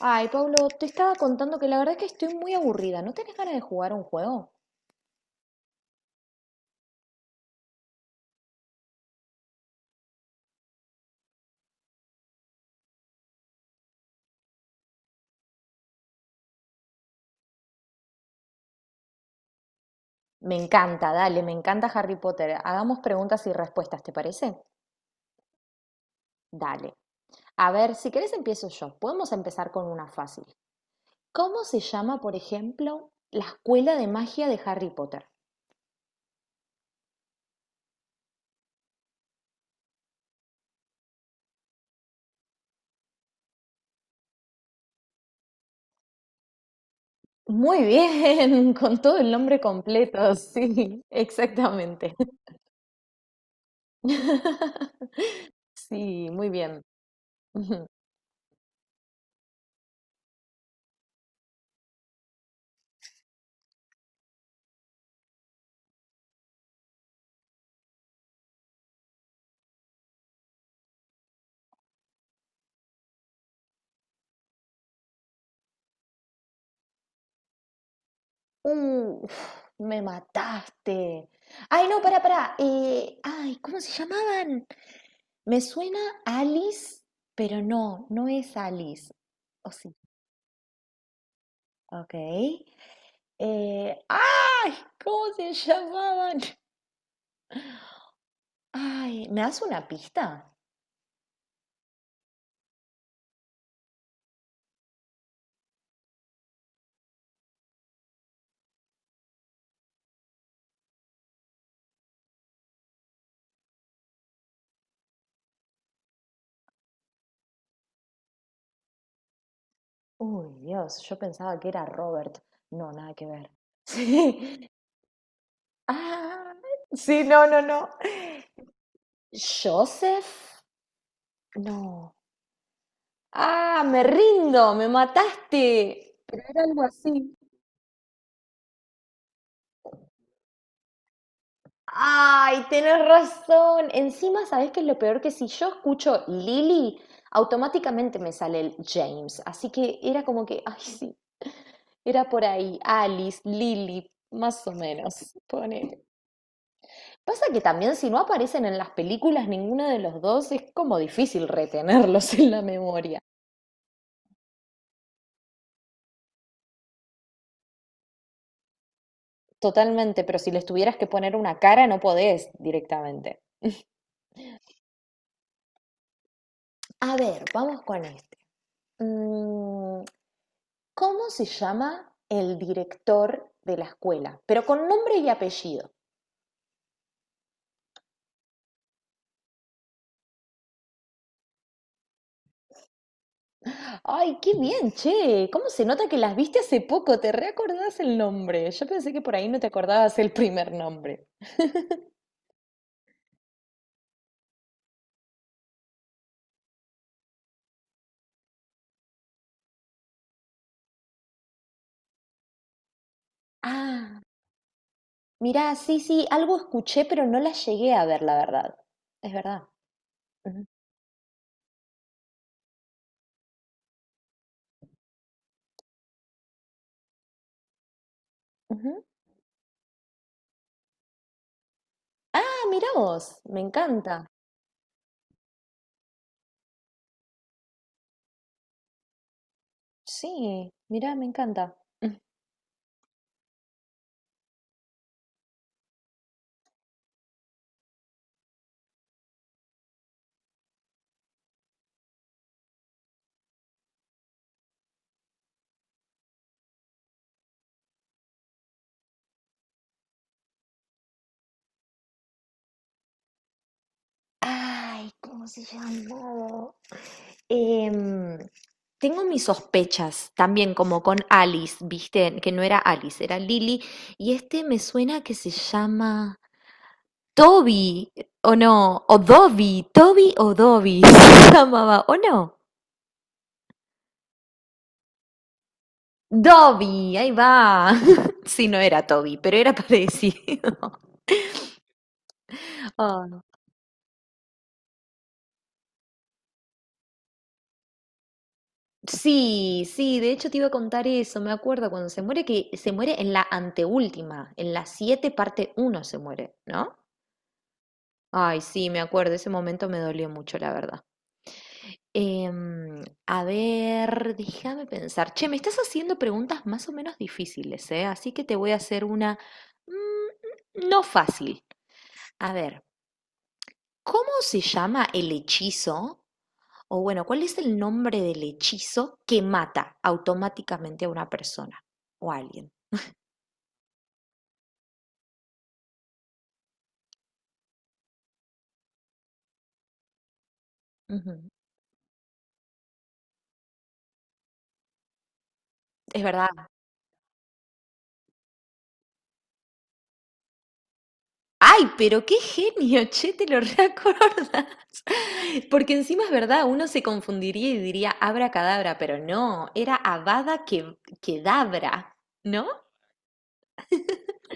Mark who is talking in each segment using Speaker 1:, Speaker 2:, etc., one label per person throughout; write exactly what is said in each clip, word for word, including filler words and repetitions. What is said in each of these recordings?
Speaker 1: Ay, Pablo, te estaba contando que la verdad es que estoy muy aburrida. ¿No tenés ganas de jugar un juego? Me encanta, dale, me encanta Harry Potter. Hagamos preguntas y respuestas, ¿te parece? Dale. A ver, si querés empiezo yo. Podemos empezar con una fácil. ¿Cómo se llama, por ejemplo, la escuela de magia de Harry Potter? Muy bien, con todo el nombre completo, sí, exactamente. Sí, muy bien. Uf, me mataste. Ay, no, pará, pará. Eh, ay, ¿cómo se llamaban? Me suena Alice, pero no, no es Alice. O sí, ok. Eh, ay, ¿cómo se llamaban? Ay, ¿me das una pista? Uy, Dios, yo pensaba que era Robert. No, nada que ver. Sí. Ah, sí, no, no, no. Joseph, no. Ah, me rindo, me mataste. Pero era algo así. Ay, tenés razón. Encima, ¿sabés qué es lo peor? Que si yo escucho Lily, automáticamente me sale el James. Así que era como que, ay, sí, era por ahí. Alice, Lily, más o menos. Ponele. Pasa que también si no aparecen en las películas ninguno de los dos, es como difícil retenerlos en la memoria. Totalmente, pero si les tuvieras que poner una cara, no podés directamente. A ver, vamos con esto. Mm, ¿Cómo se llama el director de la escuela? Pero con nombre y apellido. Ay, qué bien, che. ¿Cómo se nota que las viste hace poco? ¿Te reacordás el nombre? Yo pensé que por ahí no te acordabas el primer nombre. Ah, mirá, sí, sí, algo escuché, pero no la llegué a ver, la verdad. Es verdad. Ujú, ujú. Ah, mirá vos. Me encanta. Sí, mirá, me encanta. Ujú. Ay, ¿cómo se llamó? Tengo mis sospechas también como con Alice, viste, que no era Alice, era Lily, y este me suena que se llama Toby, eh, o no, o Dobby, Toby o Dobby se llamaba, o no, Dobby, ahí va. Sí, no era Toby, pero era parecido. Ah, sí, sí, de hecho te iba a contar eso, me acuerdo cuando se muere, que se muere en la anteúltima, en la siete parte uno se muere, ¿no? Ay, sí, me acuerdo, ese momento me dolió mucho, la verdad. Em, a ver, déjame pensar. Che, me estás haciendo preguntas más o menos difíciles, ¿eh? Así que te voy a hacer una mm, no fácil. A ver, ¿cómo se llama el hechizo? O bueno, ¿cuál es el nombre del hechizo que mata automáticamente a una persona o a alguien? Ujú. Es verdad. Ay, pero qué genio, che, te lo reacordás. Porque encima es verdad, uno se confundiría y diría abracadabra, pero no, era Avada que Kedavra, ¿no?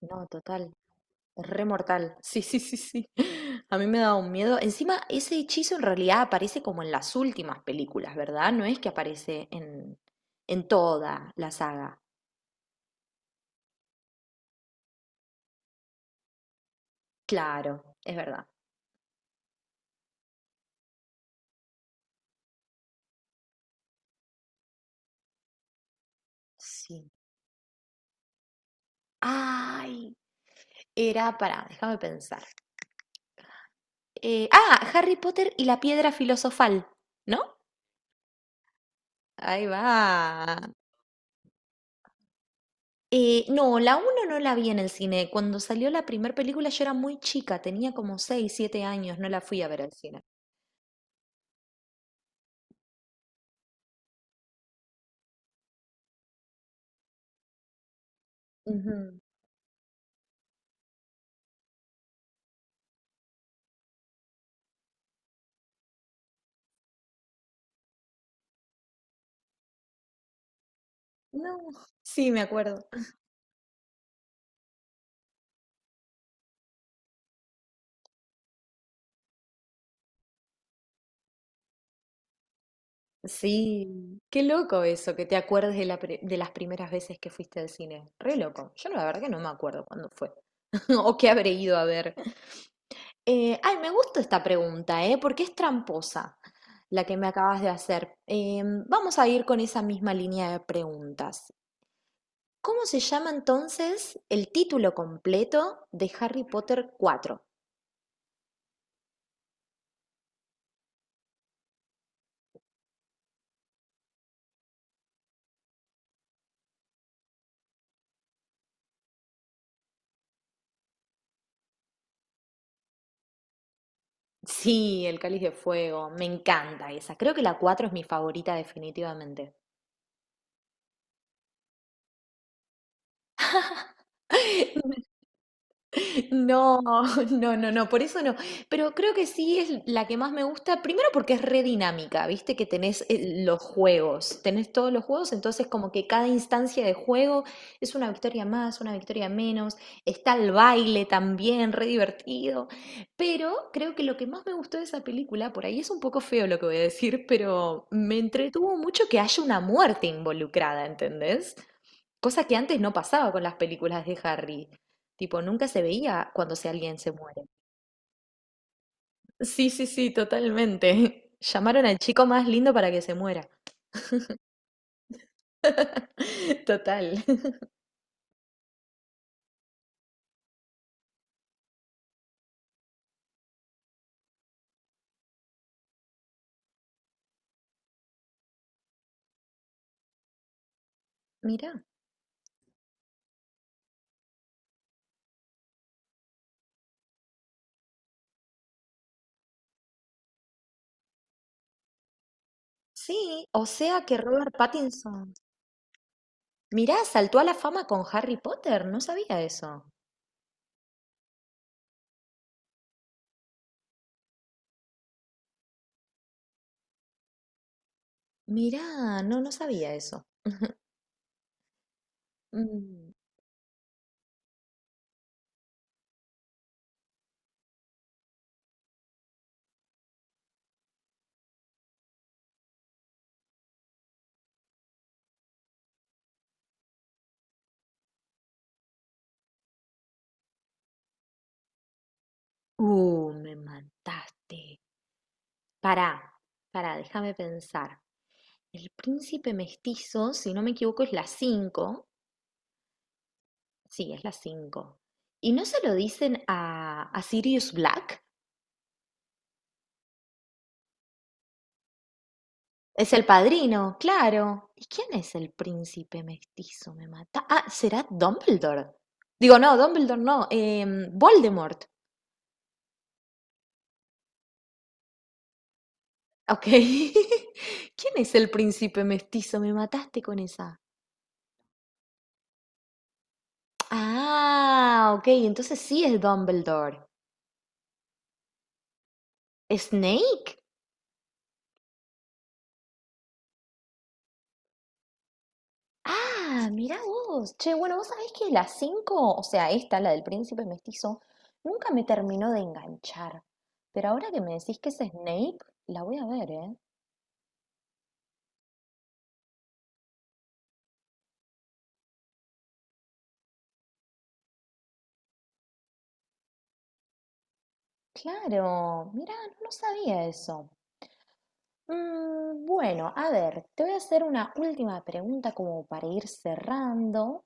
Speaker 1: No, total, re mortal. Sí, sí, sí, sí. A mí me da un miedo. Encima, ese hechizo en realidad aparece como en las últimas películas, ¿verdad? No es que aparece en, en toda la saga. Claro, es verdad. Ay, era, para, déjame pensar. Eh, ah, Harry Potter y la piedra filosofal, ¿no? Ahí va. Eh, no, la uno no la vi en el cine. Cuando salió la primera película yo era muy chica, tenía como seis siete años, no la fui a ver al cine. Ujú. No, sí, me acuerdo. Sí, qué loco eso, que te acuerdes de, la pri- de las primeras veces que fuiste al cine. Re loco. Yo la verdad que no me acuerdo cuándo fue o qué habré ido a ver. Eh, ay, me gusta esta pregunta, ¿eh? Porque es tramposa la que me acabas de hacer. Em, vamos a ir con esa misma línea de preguntas. ¿Cómo se llama entonces el título completo de Harry Potter cuatro? Sí, el Cáliz de Fuego, me encanta esa. Creo que la cuatro es mi favorita definitivamente. No, no, no, no, por eso no. Pero creo que sí es la que más me gusta, primero porque es re dinámica, viste que tenés eh, los juegos, tenés todos los juegos, entonces como que cada instancia de juego es una victoria más, una victoria menos, está el baile también, re divertido. Pero creo que lo que más me gustó de esa película, por ahí es un poco feo lo que voy a decir, pero me entretuvo mucho que haya una muerte involucrada, ¿entendés? Cosa que antes no pasaba con las películas de Harry. Tipo, nunca se veía cuando se- alguien se muere. Sí, sí, sí, totalmente. Llamaron al chico más lindo para que se muera. Total. Mirá. Sí, o sea que Robert Pattinson. Mirá, saltó a la fama con Harry Potter. No sabía eso. Mirá, no, no sabía eso. Mm. Uh, me mataste. Pará, pará, déjame pensar. El príncipe mestizo, si no me equivoco, es la cinco. Sí, es las cinco. ¿Y no se lo dicen a, a Sirius Black? Es el padrino, claro. ¿Y quién es el príncipe mestizo? Me mata. Ah, ¿será Dumbledore? Digo, no, Dumbledore no. em, Voldemort. Ok. ¿Quién es el príncipe mestizo? Me mataste con esa. Ah, ok. Entonces sí es Dumbledore. ¿Snake? Ah, mirá vos. Che, bueno, vos sabés que la cinco, o sea, esta, la del príncipe mestizo, nunca me terminó de enganchar. Pero ahora que me decís que es Snape, la voy a ver, ¿eh? Claro, mirá, no, no sabía eso. Mm, bueno, a ver, te voy a hacer una última pregunta como para ir cerrando.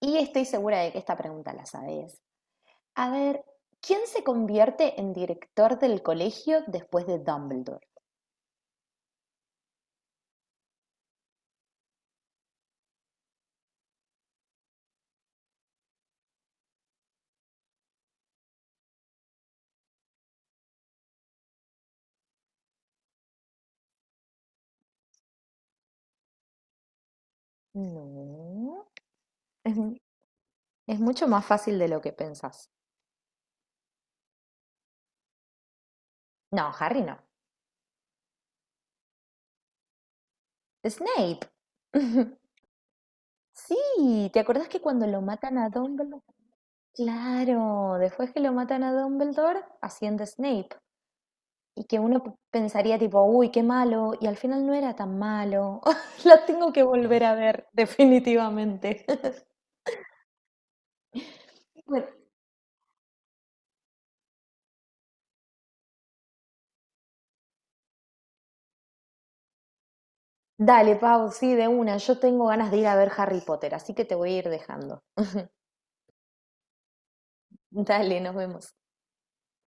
Speaker 1: Y estoy segura de que esta pregunta la sabés. A ver, ¿quién se convierte en director del colegio después de Dumbledore? No. Es mucho más fácil de lo que pensás. No, Harry no. Snape. Sí, ¿te acordás que cuando lo matan a Dumbledore? Claro, después que lo matan a Dumbledore, asciende Snape. Y que uno p- pensaría tipo, uy, qué malo, y al final no era tan malo. La tengo que volver a ver, definitivamente. Bueno, dale, Pau, sí, de una. Yo tengo ganas de ir a ver Harry Potter, así que te voy a ir dejando. Dale, nos vemos.